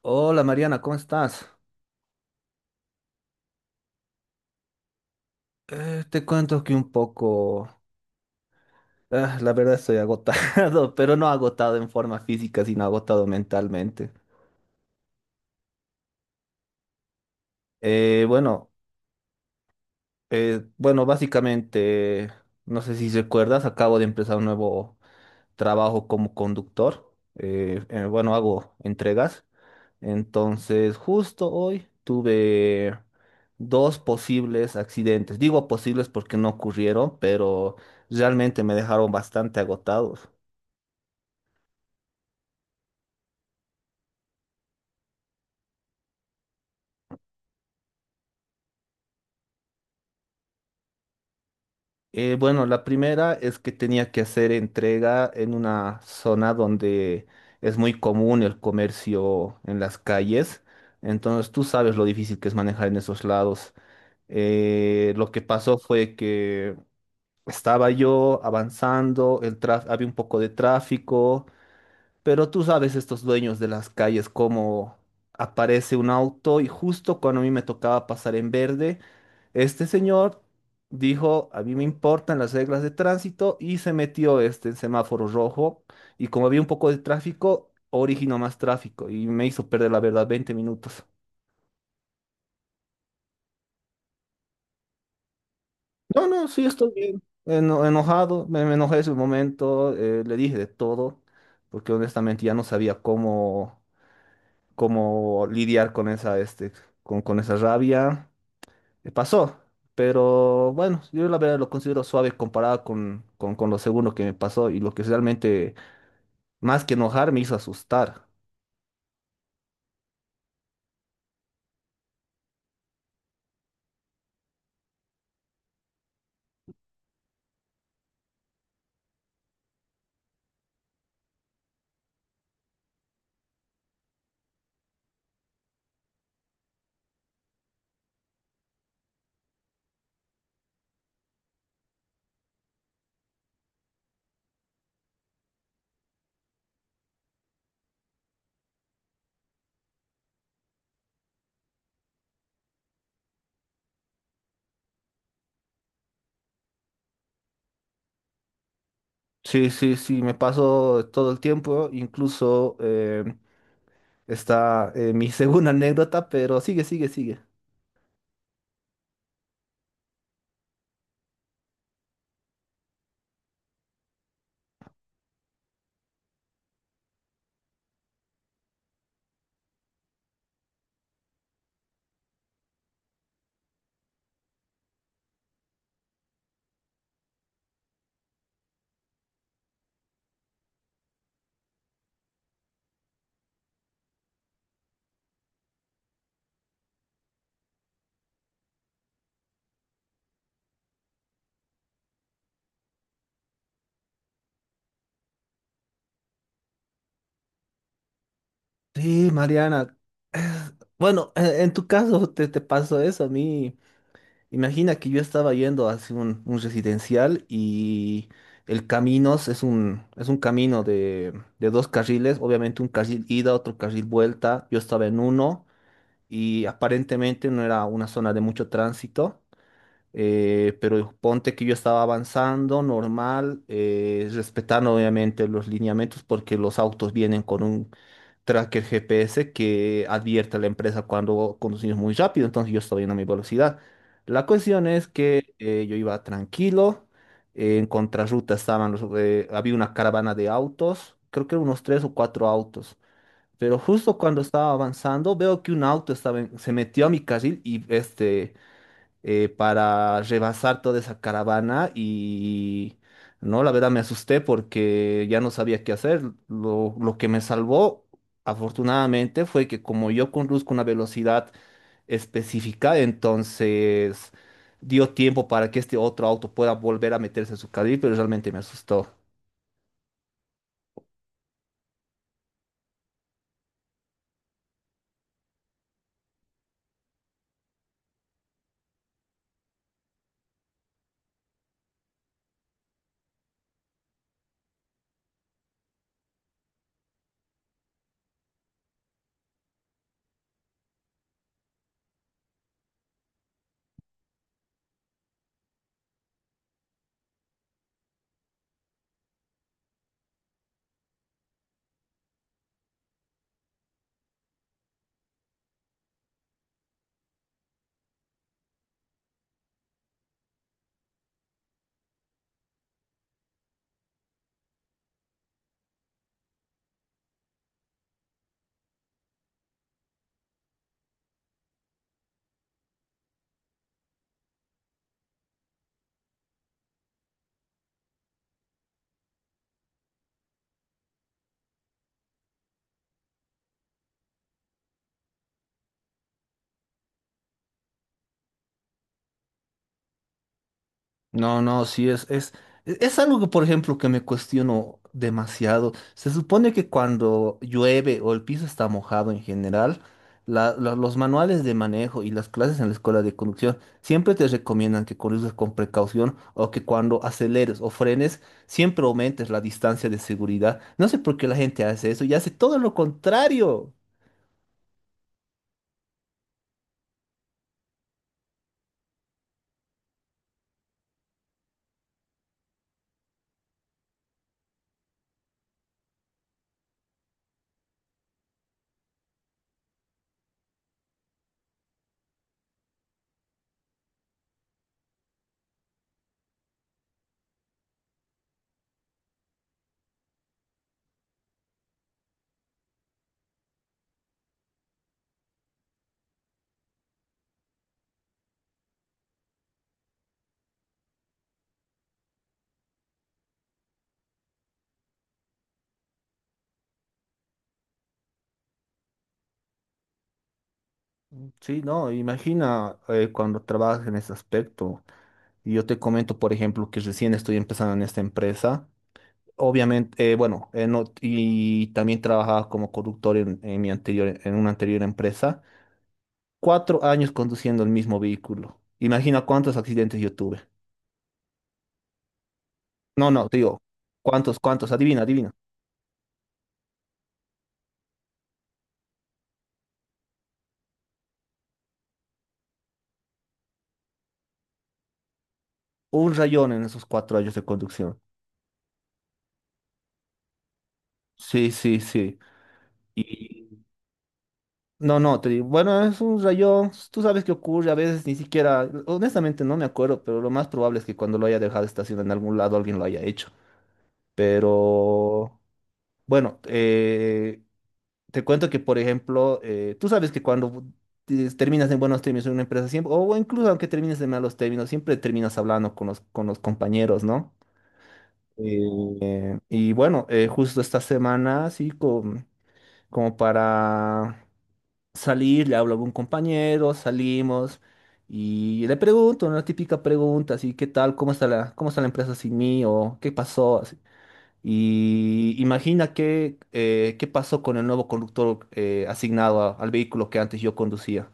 Hola Mariana, ¿cómo estás? Te cuento que un poco, la verdad estoy agotado, pero no agotado en forma física, sino agotado mentalmente. Eh, bueno, bueno, básicamente, no sé si recuerdas, acabo de empezar un nuevo trabajo como conductor. Bueno, hago entregas. Entonces, justo hoy tuve dos posibles accidentes. Digo posibles porque no ocurrieron, pero realmente me dejaron bastante agotados. Bueno, la primera es que tenía que hacer entrega en una zona donde es muy común el comercio en las calles. Entonces, tú sabes lo difícil que es manejar en esos lados. Lo que pasó fue que estaba yo avanzando. Había un poco de tráfico. Pero tú sabes estos dueños de las calles, cómo aparece un auto y justo cuando a mí me tocaba pasar en verde, este señor dijo, a mí me importan las reglas de tránsito, y se metió en semáforo rojo. Y como había un poco de tráfico, originó más tráfico y me hizo perder, la verdad, 20 minutos. No, no, sí estoy bien. Enojado, me enojé ese momento. Le dije de todo, porque honestamente ya no sabía cómo lidiar con esa, este, con esa rabia. Pasó, pero bueno, yo la verdad lo considero suave comparado con, con lo segundo que me pasó y lo que realmente, más que enojar, me hizo asustar. Sí, sí, sí, me pasó todo el tiempo. Incluso está mi segunda anécdota, pero sigue, sigue, sigue. Sí, Mariana. Bueno, en tu caso te pasó eso. A mí, imagina que yo estaba yendo hacia un residencial, y el camino es un camino de dos carriles, obviamente un carril ida, otro carril vuelta. Yo estaba en uno y aparentemente no era una zona de mucho tránsito. Pero ponte que yo estaba avanzando normal, respetando obviamente los lineamientos, porque los autos vienen con un tracker GPS que advierte a la empresa cuando conducimos muy rápido. Entonces yo estaba yendo a mi velocidad. La cuestión es que yo iba tranquilo. En contrarruta estaban los, había una caravana de autos, creo que unos tres o cuatro autos. Pero justo cuando estaba avanzando, veo que un auto se metió a mi carril, y para rebasar toda esa caravana. Y no, la verdad me asusté, porque ya no sabía qué hacer. Lo que me salvó, afortunadamente, fue que como yo conduzco una velocidad específica, entonces dio tiempo para que este otro auto pueda volver a meterse en su carril. Pero realmente me asustó. No, no, sí, es algo que, por ejemplo, que me cuestiono demasiado. Se supone que cuando llueve o el piso está mojado en general, los manuales de manejo y las clases en la escuela de conducción siempre te recomiendan que conduzcas con precaución, o que cuando aceleres o frenes, siempre aumentes la distancia de seguridad. No sé por qué la gente hace eso y hace todo lo contrario. Sí, no, imagina cuando trabajas en ese aspecto. Y yo te comento, por ejemplo, que recién estoy empezando en esta empresa. Obviamente, y también trabajaba como conductor en mi anterior, en una anterior empresa. 4 años conduciendo el mismo vehículo. Imagina cuántos accidentes yo tuve. No, no, te digo, cuántos, cuántos, adivina, adivina. Un rayón en esos 4 años de conducción. Sí, sí, sí. Y no, no, te digo, bueno, es un rayón. Tú sabes qué ocurre, a veces ni siquiera, honestamente, no me acuerdo, pero lo más probable es que cuando lo haya dejado estacionado en algún lado alguien lo haya hecho. Pero bueno, te cuento que, por ejemplo, tú sabes que cuando terminas en buenos términos en una empresa siempre, o incluso aunque termines en malos términos, siempre terminas hablando con los compañeros, ¿no? Y bueno, justo esta semana, sí, como para salir, le hablo a algún compañero, salimos y le pregunto una típica pregunta, así: ¿qué tal? Cómo está la empresa sin mí? ¿O qué pasó? Así. Y imagina qué, qué pasó con el nuevo conductor asignado al vehículo que antes yo conducía.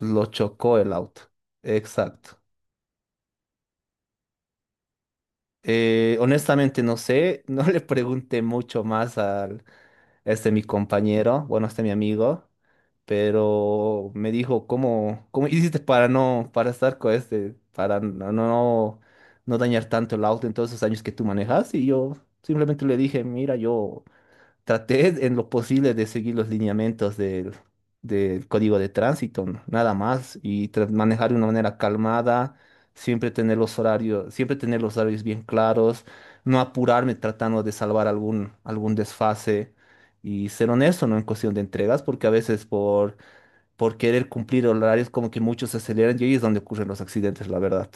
Lo chocó el auto. Exacto. Honestamente no sé, no le pregunté mucho más a este mi compañero, bueno, a este mi amigo. Pero me dijo, ¿cómo hiciste para no, para estar con este, para no dañar tanto el auto en todos esos años que tú manejas? Y yo simplemente le dije, mira, yo traté en lo posible de seguir los lineamientos del código de tránsito, nada más. Y manejar de una manera calmada, siempre tener los horarios, siempre tener los horarios bien claros, no apurarme tratando de salvar algún desfase. Y ser honesto, ¿no? En cuestión de entregas, porque a veces por, querer cumplir horarios, como que muchos se aceleran, y ahí es donde ocurren los accidentes, la verdad.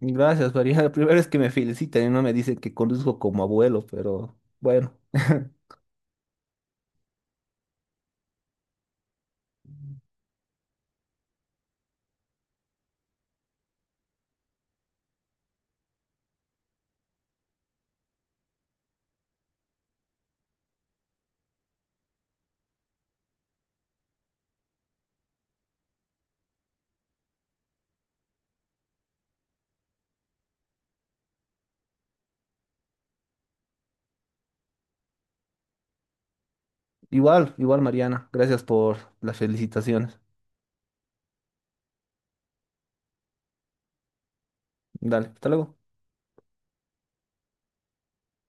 Gracias, María. La primera vez que me felicitan y no me dicen que conduzco como abuelo, pero bueno. Igual, igual, Mariana, gracias por las felicitaciones. Dale, hasta luego.